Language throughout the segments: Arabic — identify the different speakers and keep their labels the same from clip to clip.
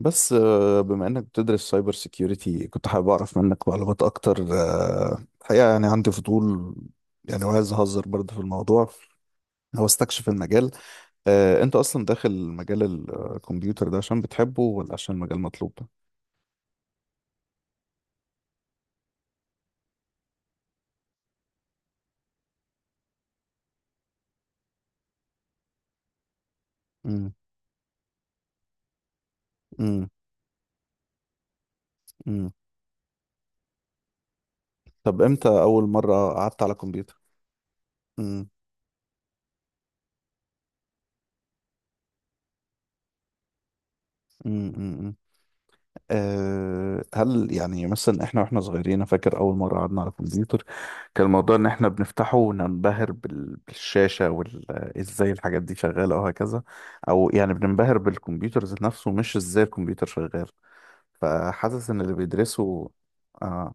Speaker 1: بس بما انك بتدرس سايبر سيكيورتي، كنت حابب اعرف منك معلومات اكتر. الحقيقه، يعني عندي فضول. يعني وعايز اهزر برضه في الموضوع. هو استكشف المجال. انت اصلا داخل مجال الكمبيوتر ده، عشان بتحبه ولا عشان المجال مطلوب؟ امم. امم. امم. طب امتى اول مره قعدت على كمبيوتر؟ امم. هل يعني مثلا احنا واحنا صغيرين، أنا فاكر اول مره قعدنا على الكمبيوتر، كان الموضوع ان احنا بنفتحه وننبهر بالشاشه وازاي الحاجات دي شغاله وهكذا، او يعني بننبهر بالكمبيوتر ذات نفسه، مش ازاي الكمبيوتر شغال. فحاسس ان اللي بيدرسوا. اه.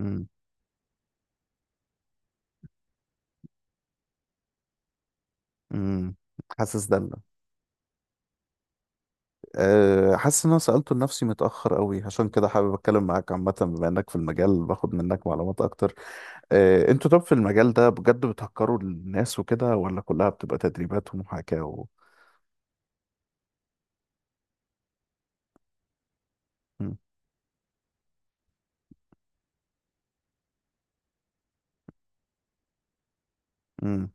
Speaker 1: امم. امم. حاسس ده اللي- حاسس ان انا سالته لنفسي متاخر قوي، عشان كده حابب اتكلم معاك عامه، بما انك في المجال باخد منك معلومات اكتر. انتوا طب في المجال ده، بجد بتهكروا الناس وكده ولا كلها بتبقى تدريبات ومحاكاة و...؟ مم. مم.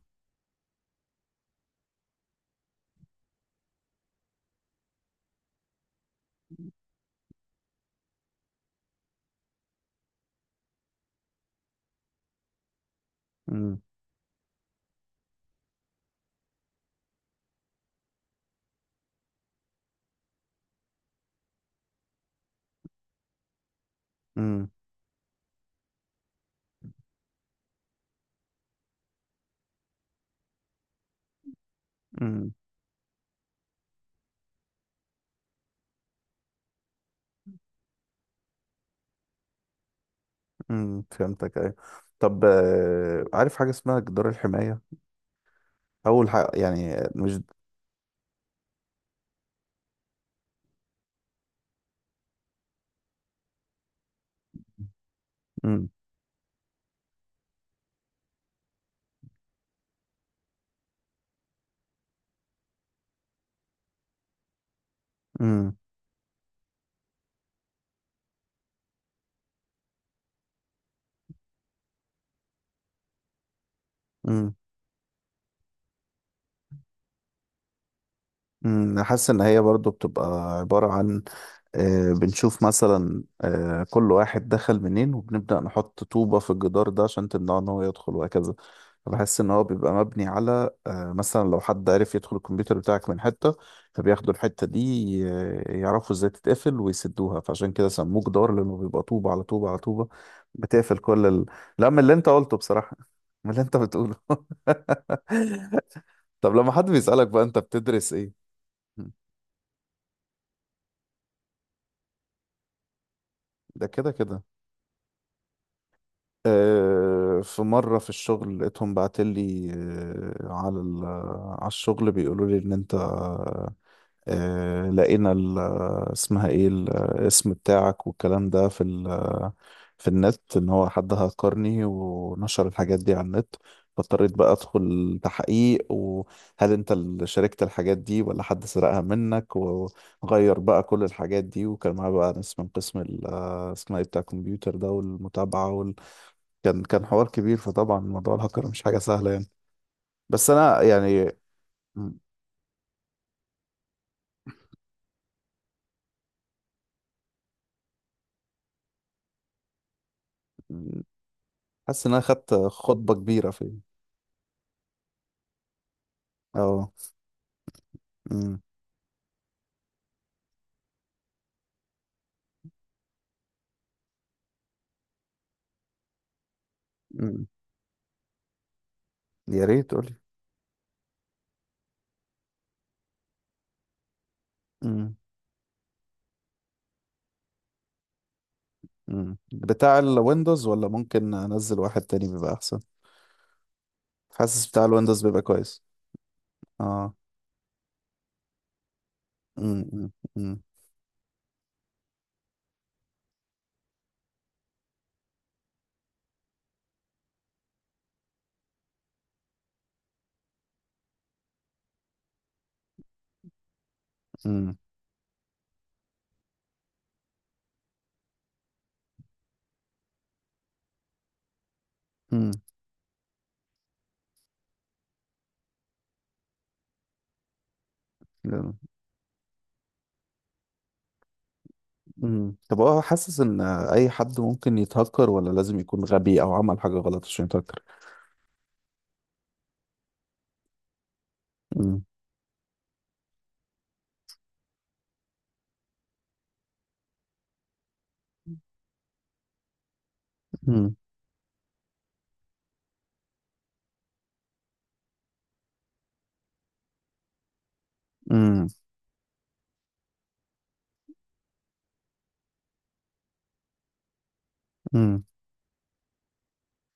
Speaker 1: مم. مم. مم. مم. فهمتك، ايوه. طب، عارف حاجة اسمها جدار الحماية؟ أول حاجة يعني مش... مم. مم. مم. أنا حاسس إن هي برضو بتبقى عبارة عن، بنشوف مثلا، كل واحد دخل منين وبنبدأ نحط طوبة في الجدار ده عشان تمنعه إن هو يدخل وهكذا. فبحس إن هو بيبقى مبني على، مثلا لو حد عرف يدخل الكمبيوتر بتاعك من حتة، فبياخدوا الحتة دي، يعرفوا إزاي تتقفل ويسدوها. فعشان كده سموه جدار، لأنه بيبقى طوبة على طوبة على طوبة، بتقفل كل ال... لا، من اللي أنت قلته بصراحة. من اللي أنت بتقوله. طب لما حد بيسألك بقى، أنت بتدرس إيه؟ ده كده كده. في مرة في الشغل، لقيتهم بعتلي على على الشغل بيقولوا لي إن أنت، لقينا ال- اسمها ايه، الاسم بتاعك والكلام ده، في ال- في النت، ان هو حد هكرني ونشر الحاجات دي على النت. فاضطريت بقى ادخل تحقيق، وهل انت اللي شاركت الحاجات دي ولا حد سرقها منك؟ وغير بقى كل الحاجات دي، وكان معاه بقى ناس من قسم ال- اسمها ايه، بتاع الكمبيوتر ده والمتابعة وال... كان حوار كبير، فطبعا موضوع الهكر مش حاجة سهلة يعني. بس انا يعني... م- م- حاسس ان انا خدت خطبة كبيرة في... اه. امم. امم. يا ريت قولي. امم. امم. بتاع الويندوز ولا ممكن انزل واحد تاني بيبقى احسن؟ حاسس بتاع الويندوز بيبقى كويس. اه. امم. امم. امم. امم. امم. أمم. طب هو حاسس ان اي حد ممكن يتهكر، ولا لازم يكون غبي او عمل حاجة غلط عشان يتهكر؟ امم. امم. امم.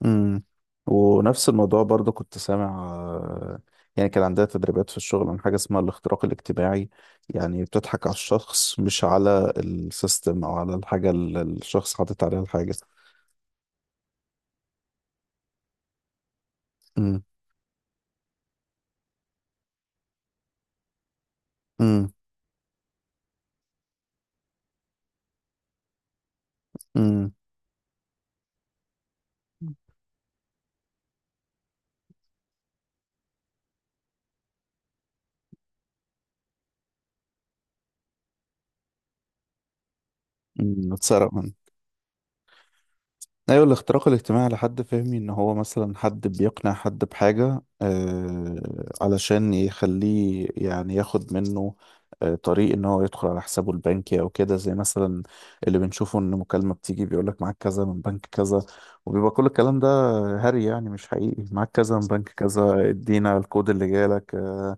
Speaker 1: امم. ونفس الموضوع برضه كنت سامع، يعني كان عندها تدريبات في الشغل عن حاجة اسمها الاختراق الاجتماعي. يعني بتضحك على الشخص، مش على السيستم أو على الحاجة اللي الشخص حاطط عليها الحاجة. امم. امم. امم. امم. اتسرق. ايوه، الاختراق الاجتماعي لحد فهمي ان هو مثلا حد بيقنع حد بحاجة علشان يخليه يعني ياخد منه طريق ان هو يدخل على حسابه البنكي او كده، زي مثلا اللي بنشوفه، ان مكالمة بتيجي بيقولك معاك كذا من بنك كذا، وبيبقى كل الكلام ده هري، يعني مش حقيقي. معاك كذا من بنك كذا، ادينا الكود اللي جالك.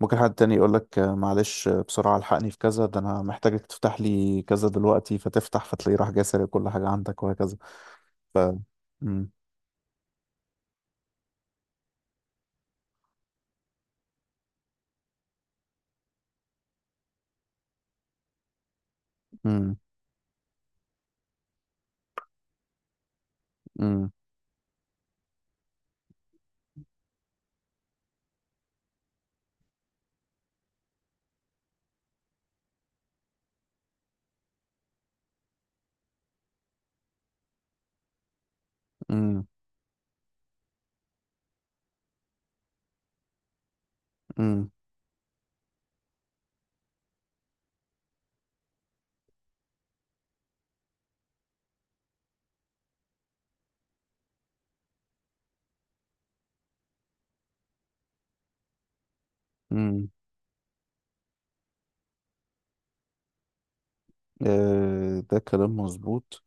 Speaker 1: ممكن حد تاني يقولك، معلش، بسرعة الحقني في كذا، ده انا محتاجك تفتح لي كذا دلوقتي، فتفتح فتلاقيه راح جاي سارق كل حاجة عندك وهكذا. ف... مم. مم. مم. مم. مم. مم. ده كلام مظبوط.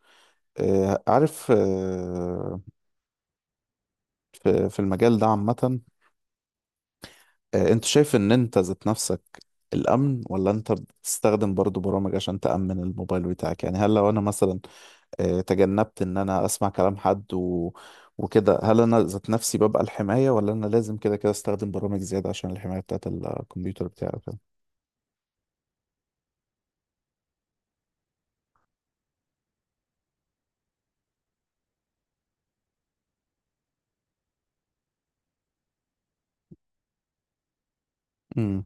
Speaker 1: عارف، في المجال ده عامة، انت شايف ان انت ذات نفسك الأمن، ولا انت بتستخدم برضو برامج عشان تأمن الموبايل بتاعك؟ يعني هل لو انا مثلا تجنبت ان انا اسمع كلام حد و... وكده، هل انا ذات نفسي ببقى الحماية، ولا انا لازم كده كده استخدم برامج زيادة عشان الحماية بتاعت الكمبيوتر بتاعي وكده؟ مم.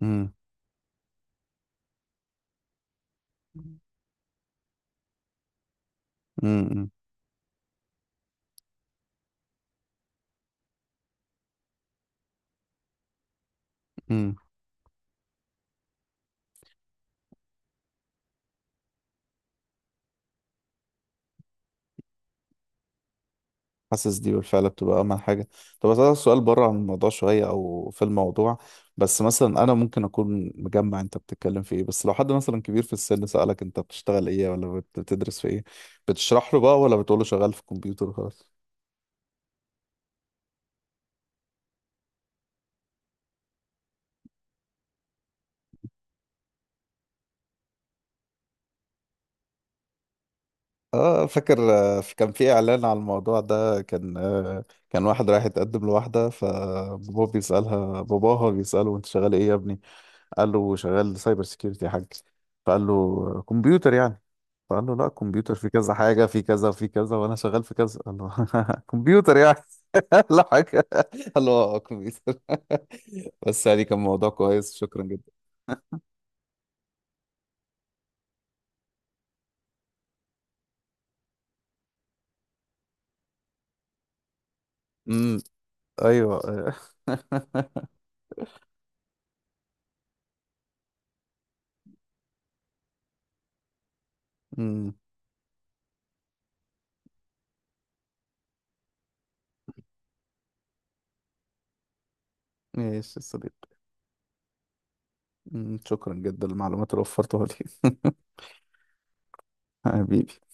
Speaker 1: مم. مم. مم. حاسس دي بالفعل بتبقى أهم حاجة. طب أسألك سؤال بره عن الموضوع شوية، أو في الموضوع. بس مثلا أنا ممكن أكون مجمع أنت بتتكلم في إيه، بس لو حد مثلا كبير في السن سألك أنت بتشتغل إيه ولا بتدرس في إيه، بتشرح له بقى ولا بتقول له شغال في الكمبيوتر خلاص؟ اه، فاكر، كان في اعلان على الموضوع ده، كان كان واحد رايح يتقدم لواحده، فباباه بيسالها باباها بيساله انت شغال ايه يا ابني؟ قال له شغال سايبر سيكيورتي يا حاج. فقال له كمبيوتر يعني؟ فقال له لا، كمبيوتر في كذا حاجة، في كذا في كذا وأنا شغال في كذا. قال له كمبيوتر يعني؟ لا، حاجة. قال له اه، كمبيوتر. بس يعني كان موضوع كويس. شكرا جدا. امم. ايوه. امم. ماشي يا صديقي. شكرا جدا للمعلومات اللي وفرتها لي. حبيبي.